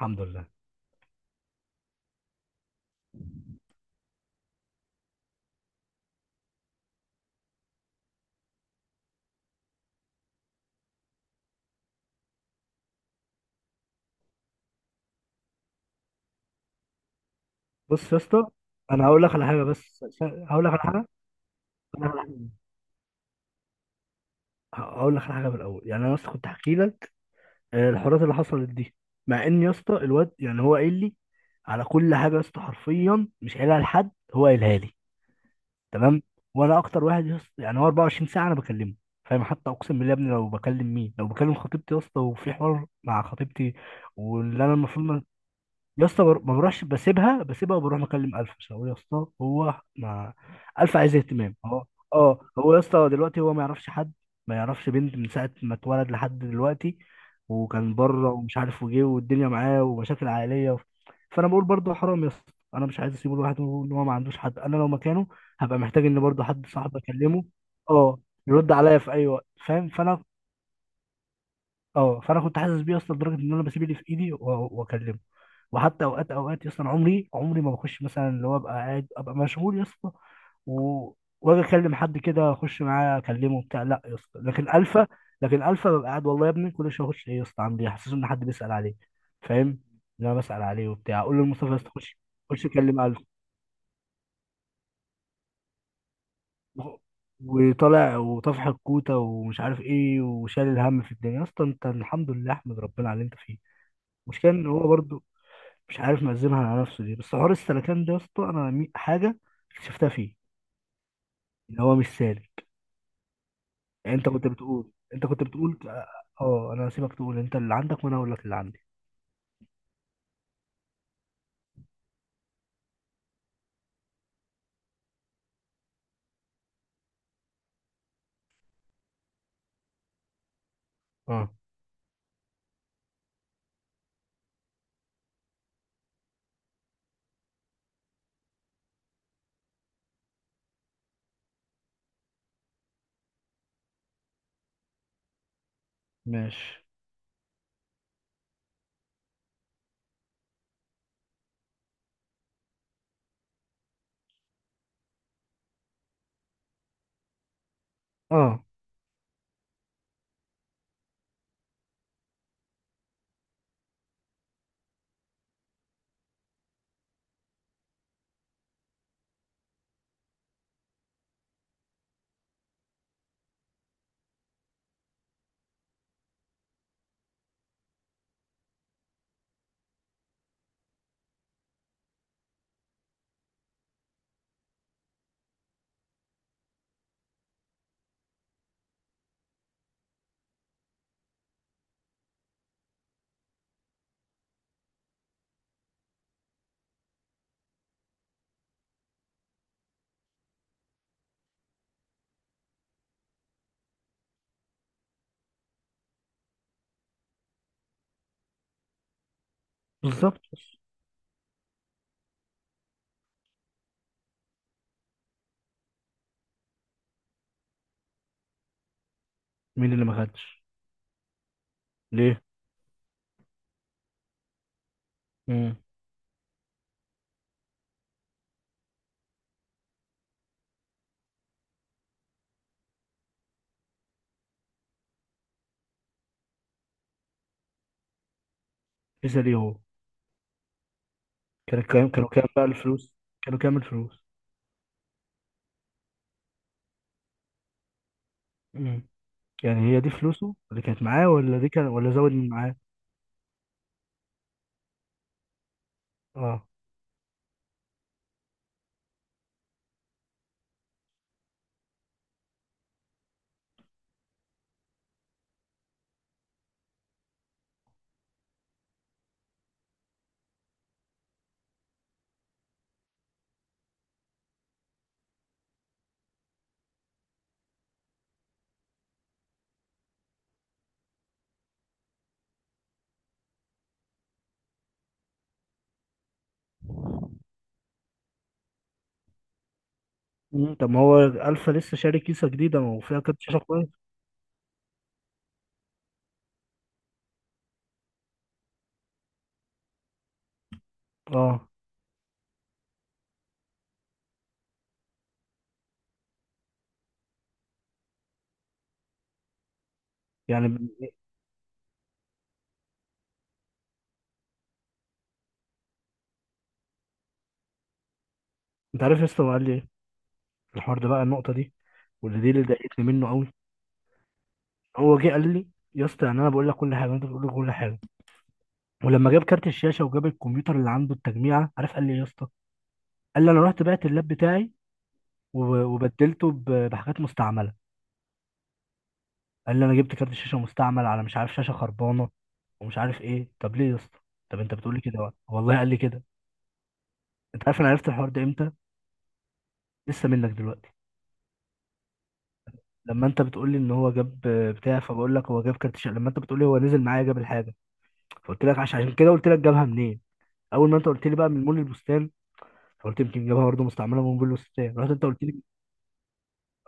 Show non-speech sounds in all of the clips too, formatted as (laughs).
الحمد لله. بص يا اسطى، انا هقول لك على حاجه هقول لك على حاجه من الاول. يعني انا اصلا كنت احكي لك الحوارات اللي حصلت دي. مع ان يا اسطى الواد، يعني هو قايل لي على كل حاجه يا اسطى، حرفيا مش قايلها لحد، هو قايلها لي. تمام. وانا اكتر واحد يا اسطى، يعني هو 24 ساعه انا بكلمه، فاهم؟ حتى اقسم بالله يا ابني، لو بكلم مين؟ لو بكلم خطيبتي يا اسطى، وفي حوار مع خطيبتي، واللي انا المفروض ما ما بروحش، بسيبها وبروح مكلم الف، عشان هو يا اسطى هو ما، الف عايز اهتمام. اه، اه، هو يا اسطى دلوقتي هو ما يعرفش حد، ما يعرفش بنت من ساعه ما اتولد لحد دلوقتي، وكان بره ومش عارف وجه، والدنيا معاه ومشاكل عائليه فانا بقول برضه حرام يا اسطى، انا مش عايز اسيبه لوحده. ان هو ما عندوش حد، انا لو مكانه هبقى محتاج ان برضه حد صاحب اكلمه، اه، يرد عليا في اي وقت، فاهم؟ فانا اه فانا كنت حاسس بيه اصلا، لدرجه ان انا بسيب اللي في ايدي واكلمه. وحتى اوقات اصلا، عمري ما بخش، مثلا اللي هو ابقى قاعد، ابقى مشغول يا اسطى و- واجي اكلم حد كده، اخش معاه اكلمه بتاع، لا يا اسطى. لكن الفا ببقى قاعد، والله يا ابني كل شويه اخش، ايه يا اسطى عامل ايه؟ حاسس ان حد بيسال عليه، فاهم؟ ان انا بسال عليه وبتاع، اقول لمصطفى يا اسطى خش، خش كلم الفا. وطالع، وطفح الكوته، ومش عارف ايه، وشال الهم في الدنيا، يا اسطى انت الحمد لله، احمد ربنا على اللي انت فيه. مشكلة ان هو برضو مش عارف منزلها على نفسه دي، بس حوار السلكان ده يا اسطى، انا حاجه اكتشفتها فيه، ان هو مش سالك. يعني انت كنت بتقول. اه، انا هسيبك تقول انت اللي عندك، وانا هقول لك اللي عندي. اه، ماشي. اه، بالظبط. مين اللي ما خدش؟ ليه؟ امم. لسه؟ ليه هو؟ كانوا كام بقى الفلوس؟ كانوا كام الفلوس؟ امم. يعني هي دي فلوسه اللي كانت معاه، ولا دي كان، ولا زود من معاه؟ اه. طب ما هو الفا لسه شاري كيسه جديده، ما هو فيها كارت شاشه كويس؟ اه، يعني انت عارف يا اسطى هو قال لي إيه؟ الحوار ده بقى، النقطه دي واللي دي اللي ضايقتني منه قوي. هو جه قال لي، يا اسطى يعني انا بقول لك كل حاجه، وانت بتقول لي كل حاجه. ولما جاب كارت الشاشه، وجاب الكمبيوتر اللي عنده، التجميعه، عارف قال لي إيه يا اسطى؟ قال لي انا رحت بعت اللاب بتاعي، وبدلته بحاجات مستعمله. قال لي انا جبت كارت شاشه مستعمل، على مش عارف شاشه خربانه، ومش عارف ايه. طب ليه يا اسطى؟ طب انت بتقول لي كده بقى، والله قال لي كده. انت عارف انا عرفت الحوار ده امتى؟ لسه منك دلوقتي. لما انت بتقول لي ان هو جاب بتاع، فبقول لك هو جاب كارت شاشه. لما انت بتقول لي هو نزل معايا جاب الحاجه، فقلت لك، عشان كده قلت لك جابها منين. اول ما انت قلت لي بقى من مول البستان، قلت يمكن جابها برضه مستعمله من مول البستان. رحت انت قلت لي،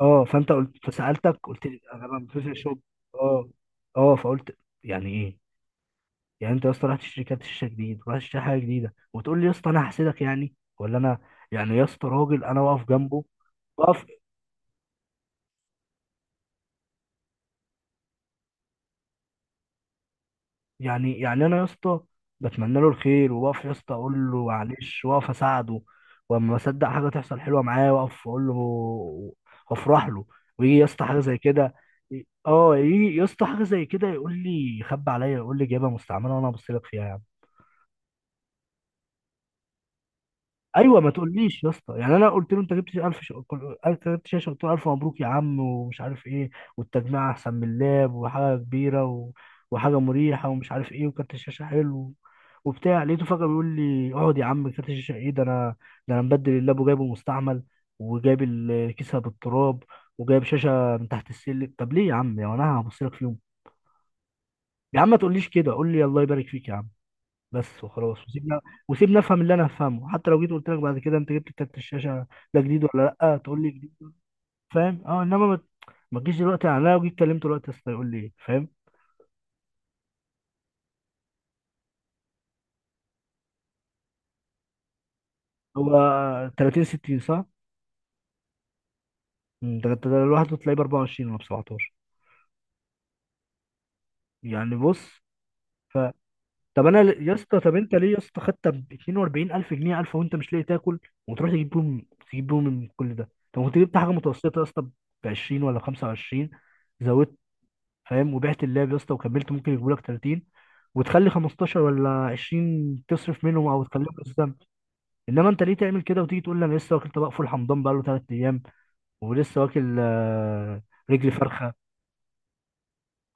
اه، فانت قلت، فسالتك قلت لي انا بقى من فكره شوب. اه. اه فقلت، يعني ايه؟ يعني انت يا اسطى رحت شركات شاشه جديد، ورحت تشتري حاجه جديده، وتقول لي يا اسطى انا هحسدك يعني، ولا انا؟ يعني يا اسطى راجل انا واقف جنبه، واقف. يعني انا يا اسطى بتمنى له الخير، وبقف يا اسطى اقول له معلش، واقف اساعده. واما بصدق حاجه تحصل حلوه معايا، واقف اقول له، وافرح له. ويجي يا اسطى حاجه زي كده، يجي يا اسطى حاجه زي كده، يقول لي خبي عليا، يقول لي جايبها مستعمله وانا ابص لك فيها. ايوه، ما تقوليش يا اسطى. يعني انا قلت له انت جبت 1000 انت جبت شاشه. قلت له 1000 مبروك يا عم، ومش عارف ايه، والتجميع احسن من اللاب، وحاجه كبيره وحاجه مريحه، ومش عارف ايه، وكارت الشاشه حلو، وبتاع. لقيته فجاه بيقول لي اقعد يا عم، كارت الشاشه ايه؟ ده انا مبدل اللاب وجايبه مستعمل، وجايب الكيسه بالتراب، وجايب شاشه من تحت السلم. طب ليه يا عم، يا انا هبص لك في يوم؟ يا عم ما تقوليش كده، قول لي الله يبارك فيك يا عم، بس وخلاص. وسيبنا افهم اللي انا هفهمه، حتى لو جيت قلت لك بعد كده انت جبت كارت الشاشه ده جديد ولا لا، تقول لي جديد، فاهم؟ اه انما ما تجيش دلوقتي، يعني انا لو جيت كلمته دلوقتي يا اسطى يقول لي ايه، فاهم؟ هو 30 60، صح؟ ده انت لوحده تلاقيه ب 24 ولا ب 17، يعني بص. ف طب انا يا اسطى، طب انت ليه يا اسطى خدت ب 42000 جنيه، 1000، وانت مش لاقي تاكل، وتروح تجيب بيهم، من كل ده؟ طب ما كنت جبت حاجه متوسطه يا اسطى ب 20 ولا 25، فاهم، وبعت اللاب يا اسطى وكملت، ممكن يجيبوا لك 30، وتخلي 15 ولا 20 تصرف منهم او تخليهم قسطا. انما انت ليه تعمل كده، وتيجي تقول لي انا لسه واكل طبق فول حمضان بقاله 3 ايام، ولسه واكل رجلي فرخه.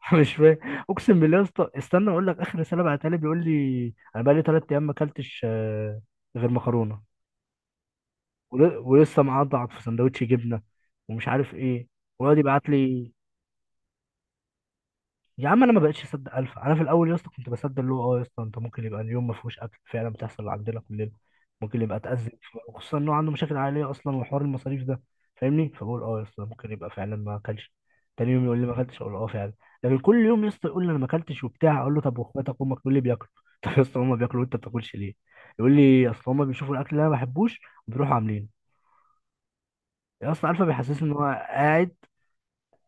(laughs) مش فاهم. اقسم بالله يا اسطى، استنى اقول لك، اخر رساله بعتها لي بيقول لي انا بقالي 3 ايام ما اكلتش غير مكرونه، ولسه معضعض في سندوتش جبنه، ومش عارف ايه، ويقعد يبعت لي. يا عم انا ما بقتش اصدق الف. انا في الاول يا اسطى كنت بصدق، اللي هو يا اسطى انت ممكن يبقى اليوم ما فيهوش اكل، فعلا بتحصل عندنا كلنا. ممكن يبقى اتاذى، وخصوصا انه عنده مشاكل عائليه اصلا، وحوار المصاريف ده، فاهمني؟ فبقول يا اسطى ممكن يبقى فعلا ما اكلش. تاني يوم يقول لي ما اكلتش، اقول اه فعلا. لكن كل يوم يا اسطى يقول لي انا ما اكلتش وبتاع، اقول له طب واخواتك وامك؟ يقول لي بياكلوا. (laughs) طب يا اسطى هما بياكلوا، وانت ما بتاكلش ليه؟ يقول لي اصل هما بيشوفوا الاكل اللي انا ما بحبوش، وبيروحوا عاملينه. يا اسطى عارفه بيحسسني ان هو قاعد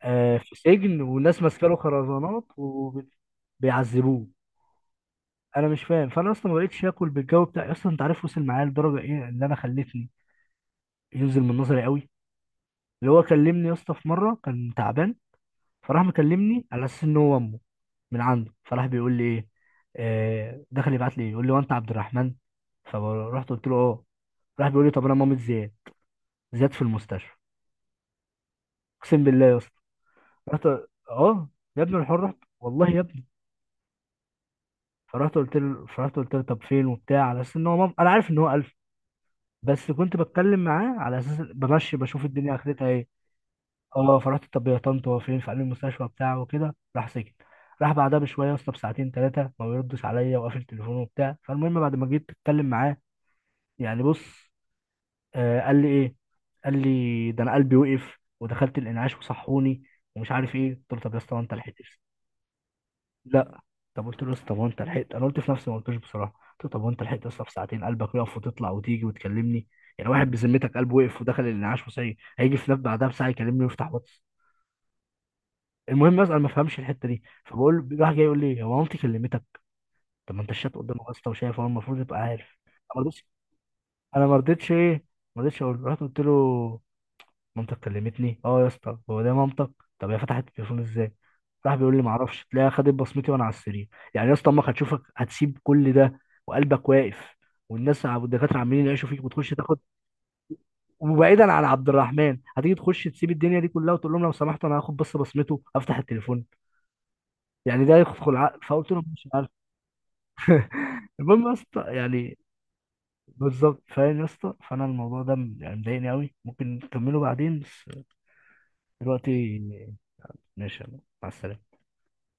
في سجن، والناس ماسكه له خرزانات، وبيعذبوه، انا مش فاهم. فانا اصلا ما بقتش اكل بالجو بتاعي اصلا، انت عارف وصل معايا لدرجه ايه؟ اللي انا خلتني ينزل من نظري قوي، اللي هو كلمني يا اسطى في مره كان تعبان، فراح مكلمني على اساس ان هو امه من عنده، فراح بيقول لي ايه، دخل يبعت لي يقول لي، وانت عبد الرحمن؟ فرحت قلت له اه. راح بيقول لي، طب انا مامة زياد، زياد في المستشفى. اقسم بالله يا اسطى، رحت. اه، يا ابن الحر رحت، والله يا ابني. فرحت قلت له طب فين وبتاع، على اساس ان هو انا عارف ان هو، بس كنت بتكلم معاه على اساس بمشي بشوف الدنيا اخرتها ايه. اه فرحت، طب يا طنط هو فين؟ فقال لي المستشفى بتاعه وكده، راح سكت. راح بعدها بشويه يا اسطى، بساعتين ثلاثه، ما بيردش عليا وقافل تليفونه وبتاع. فالمهم بعد ما جيت اتكلم معاه، يعني بص، قال لي ايه؟ قال لي ده انا قلبي وقف، ودخلت الانعاش وصحوني، ومش عارف ايه. قلت له طب يا اسطى هو انت لحقت؟ لا. طب قلت له يا اسطى هو انت لحقت، انا قلت في نفسي ما قلتوش بصراحه، قلت له طب هو انت لحقت يا اسطى في ساعتين قلبك يقف، وتطلع، وتيجي، وتكلمني؟ يعني واحد بذمتك قلبه وقف ودخل الانعاش وصحي، هيجي في نفس بعدها بساعه يكلمني ويفتح واتس؟ المهم بس انا ما فهمش الحته دي، راح جاي يقول لي هو مامتي كلمتك. طب ما انت الشات قدامك يا اسطى، وشايف، هو المفروض يبقى عارف. انا ما رضيتش، انا ما رضيتش ايه ما رضيتش اقول له. رحت قلت له، مامتك كلمتني اه يا اسطى، هو ده مامتك؟ طب هي فتحت التليفون ازاي؟ راح بيقول لي معرفش، تلاقيها خدت بصمتي وانا على السرير. يعني يا اسطى امك هتشوفك، هتسيب كل ده، وقلبك واقف، والناس والدكاتره عمالين يعيشوا فيك، وتخش تاخد، وبعيدا عن عبد الرحمن، هتيجي تخش تسيب الدنيا دي كلها، وتقول لهم لو سمحتوا انا هاخد بس بصمته افتح التليفون؟ يعني ده يدخل عقل؟ فقلت له مش عارف. (laughs) المهم يا اسطى، يعني بالظبط، فاهم يا اسطى، فانا الموضوع ده يعني مضايقني قوي، ممكن نكمله بعدين، بس دلوقتي ماشي. يلا، مع السلامه.